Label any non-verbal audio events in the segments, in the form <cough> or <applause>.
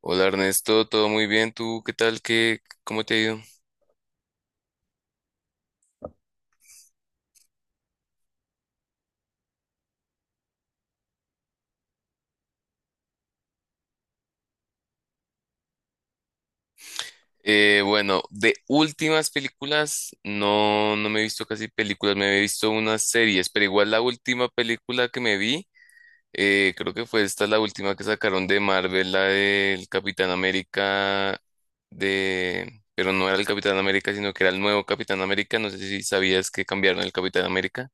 Hola Ernesto, todo muy bien. ¿Tú qué tal? ¿Cómo te ha ido? Bueno, de últimas películas, no, no me he visto casi películas, me he visto unas series, pero igual la última película que me vi, creo que fue esta la última que sacaron de Marvel, la del Capitán América, pero no era el Capitán América, sino que era el nuevo Capitán América. No sé si sabías que cambiaron el Capitán América.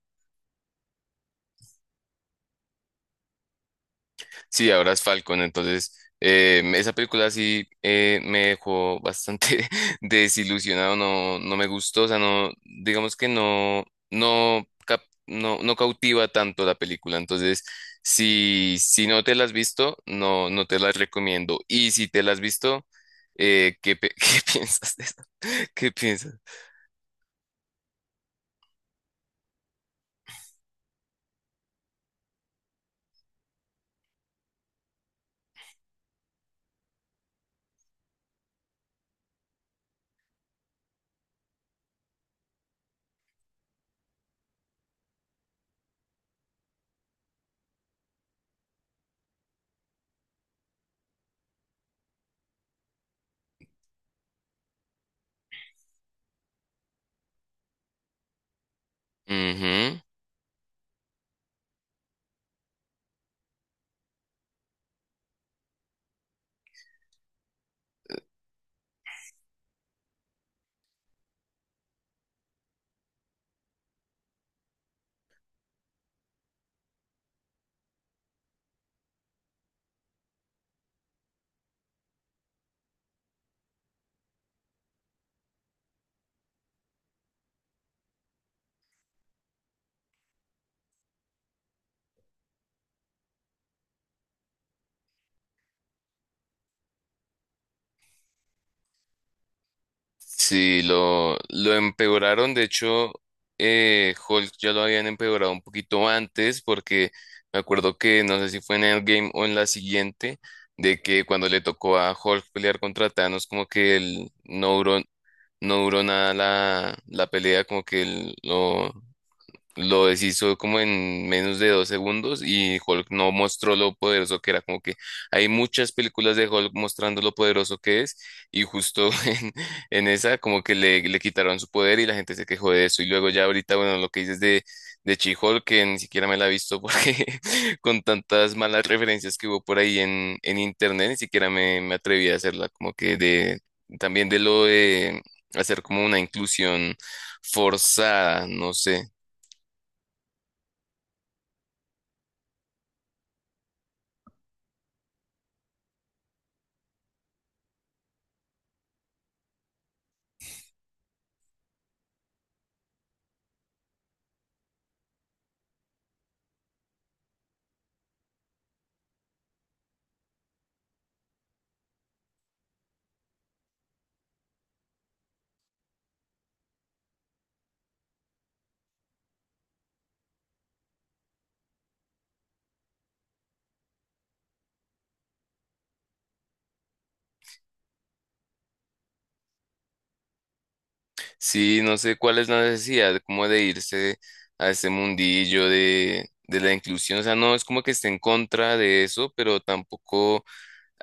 Sí, ahora es Falcon. Entonces, esa película sí, me dejó bastante <laughs> desilusionado. No, no me gustó, o sea, no, digamos que no, no, no, no cautiva tanto la película. Entonces, si no te la has visto, no, no te la recomiendo, y si te la has visto, <laughs> ¿Qué piensas de eso? <laughs> ¿Qué piensas? Ujú. Sí, lo empeoraron. De hecho, Hulk ya lo habían empeorado un poquito antes, porque me acuerdo que no sé si fue en Endgame o en la siguiente, de que cuando le tocó a Hulk pelear contra Thanos, como que él no duró, no duró nada la pelea, como que él lo deshizo como en menos de 2 segundos y Hulk no mostró lo poderoso que era. Como que hay muchas películas de Hulk mostrando lo poderoso que es y justo <laughs> en esa como que le quitaron su poder y la gente se quejó de eso. Y luego ya ahorita, bueno, lo que dices de She-Hulk, que ni siquiera me la he visto porque <laughs> con tantas malas referencias que hubo por ahí en internet, ni siquiera me atreví a hacerla. Como que de también de lo de hacer como una inclusión forzada, no sé. Sí, no sé cuál es la necesidad como de irse a este mundillo de la inclusión. O sea, no es como que esté en contra de eso, pero tampoco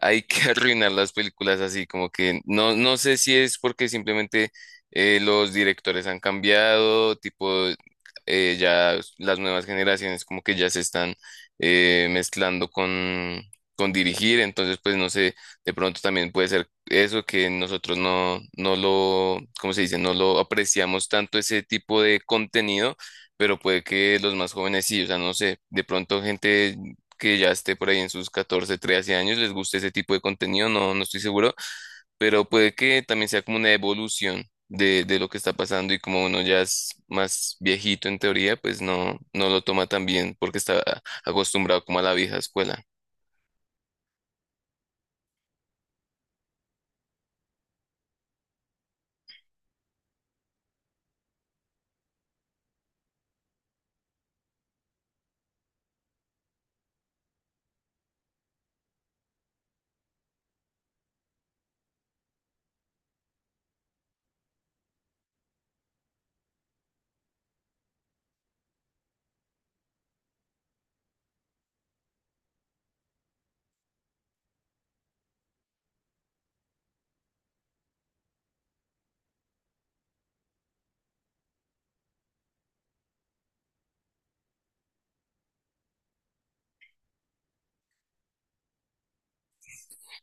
hay que <laughs> arruinar las películas así, como que no, no sé si es porque simplemente los directores han cambiado, tipo, ya las nuevas generaciones como que ya se están mezclando con dirigir, entonces pues no sé, de pronto también puede ser eso que nosotros no, no lo, ¿cómo se dice? No lo apreciamos tanto ese tipo de contenido. Pero puede que los más jóvenes sí, o sea, no sé, de pronto gente que ya esté por ahí en sus 14 13 años, les guste ese tipo de contenido, no, no estoy seguro, pero puede que también sea como una evolución de lo que está pasando y como uno ya es más viejito en teoría, pues no, no lo toma tan bien porque está acostumbrado como a la vieja escuela.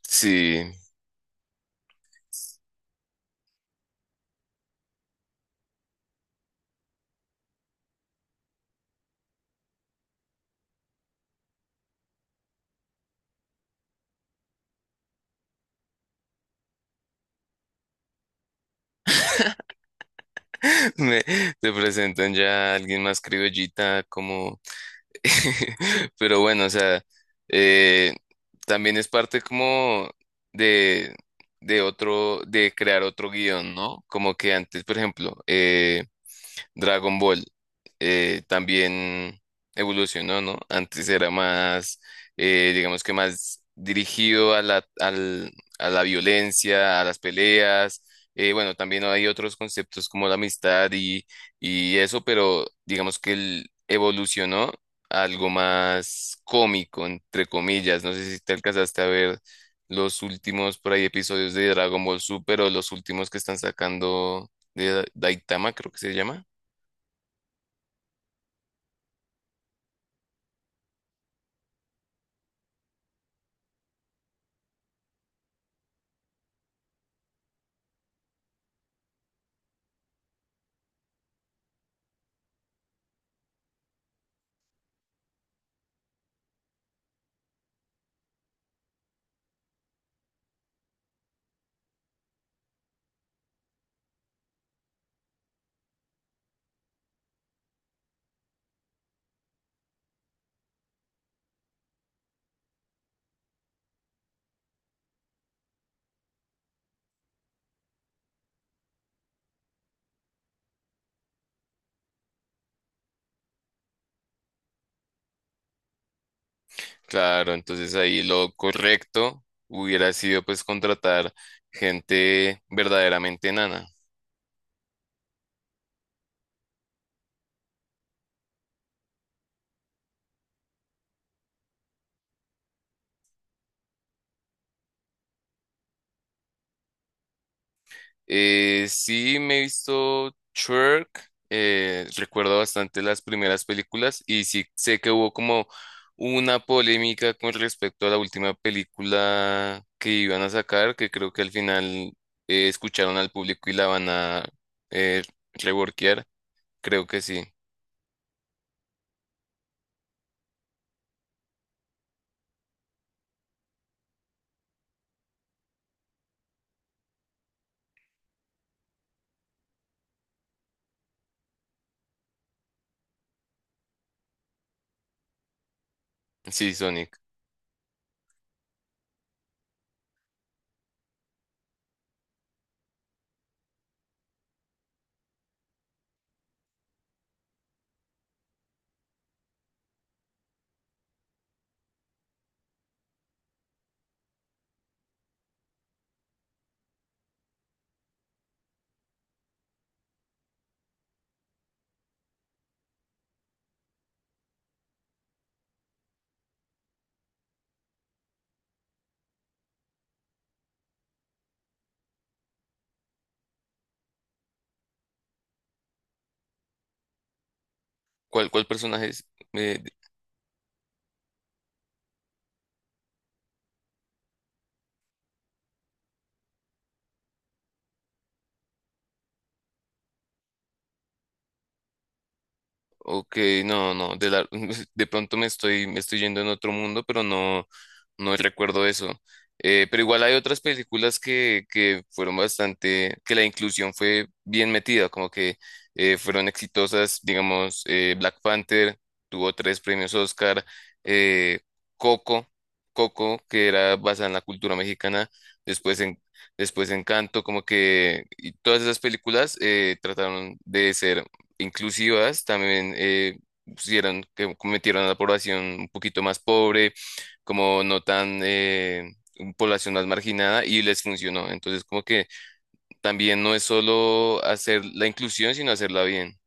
Sí, <laughs> me, te presentan ya a alguien más criollita como. <laughs> Pero bueno, o sea, eh, también es parte como de, de otro, de crear otro guión, ¿no? Como que antes, por ejemplo, Dragon Ball también evolucionó, ¿no? Antes era más, digamos que más dirigido a la, a la violencia, a las peleas. Bueno, también hay otros conceptos como la amistad y eso, pero digamos que él evolucionó a algo más cómico, entre comillas. No sé si te alcanzaste a ver los últimos por ahí episodios de Dragon Ball Super o los últimos que están sacando de Daitama, creo que se llama. Claro, entonces ahí lo correcto hubiera sido pues contratar gente verdaderamente enana. Sí, me he visto Shrek, recuerdo bastante las primeras películas y sí sé que hubo como una polémica con respecto a la última película que iban a sacar, que creo que al final escucharon al público y la van a eh, reworkear. Creo que sí, sí, Sonic. ¿Cuál personaje es? Eh, Ok, no, no, <laughs> de pronto me estoy yendo en otro mundo, pero no, no recuerdo eso. Pero igual hay otras películas que fueron bastante, que la inclusión fue bien metida, como que fueron exitosas, digamos, Black Panther tuvo tres premios Oscar, eh, Coco, Coco, que era basada en la cultura mexicana, después en, después Encanto, como que y todas esas películas trataron de ser inclusivas, también pusieron que cometieron a la población un poquito más pobre, como no tan, población más marginada y les funcionó. Entonces, como que también no es solo hacer la inclusión, sino hacerla bien.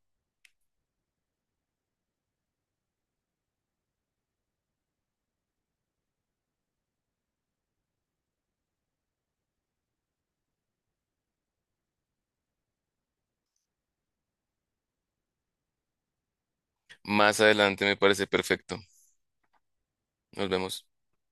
Más adelante me parece perfecto. Nos vemos.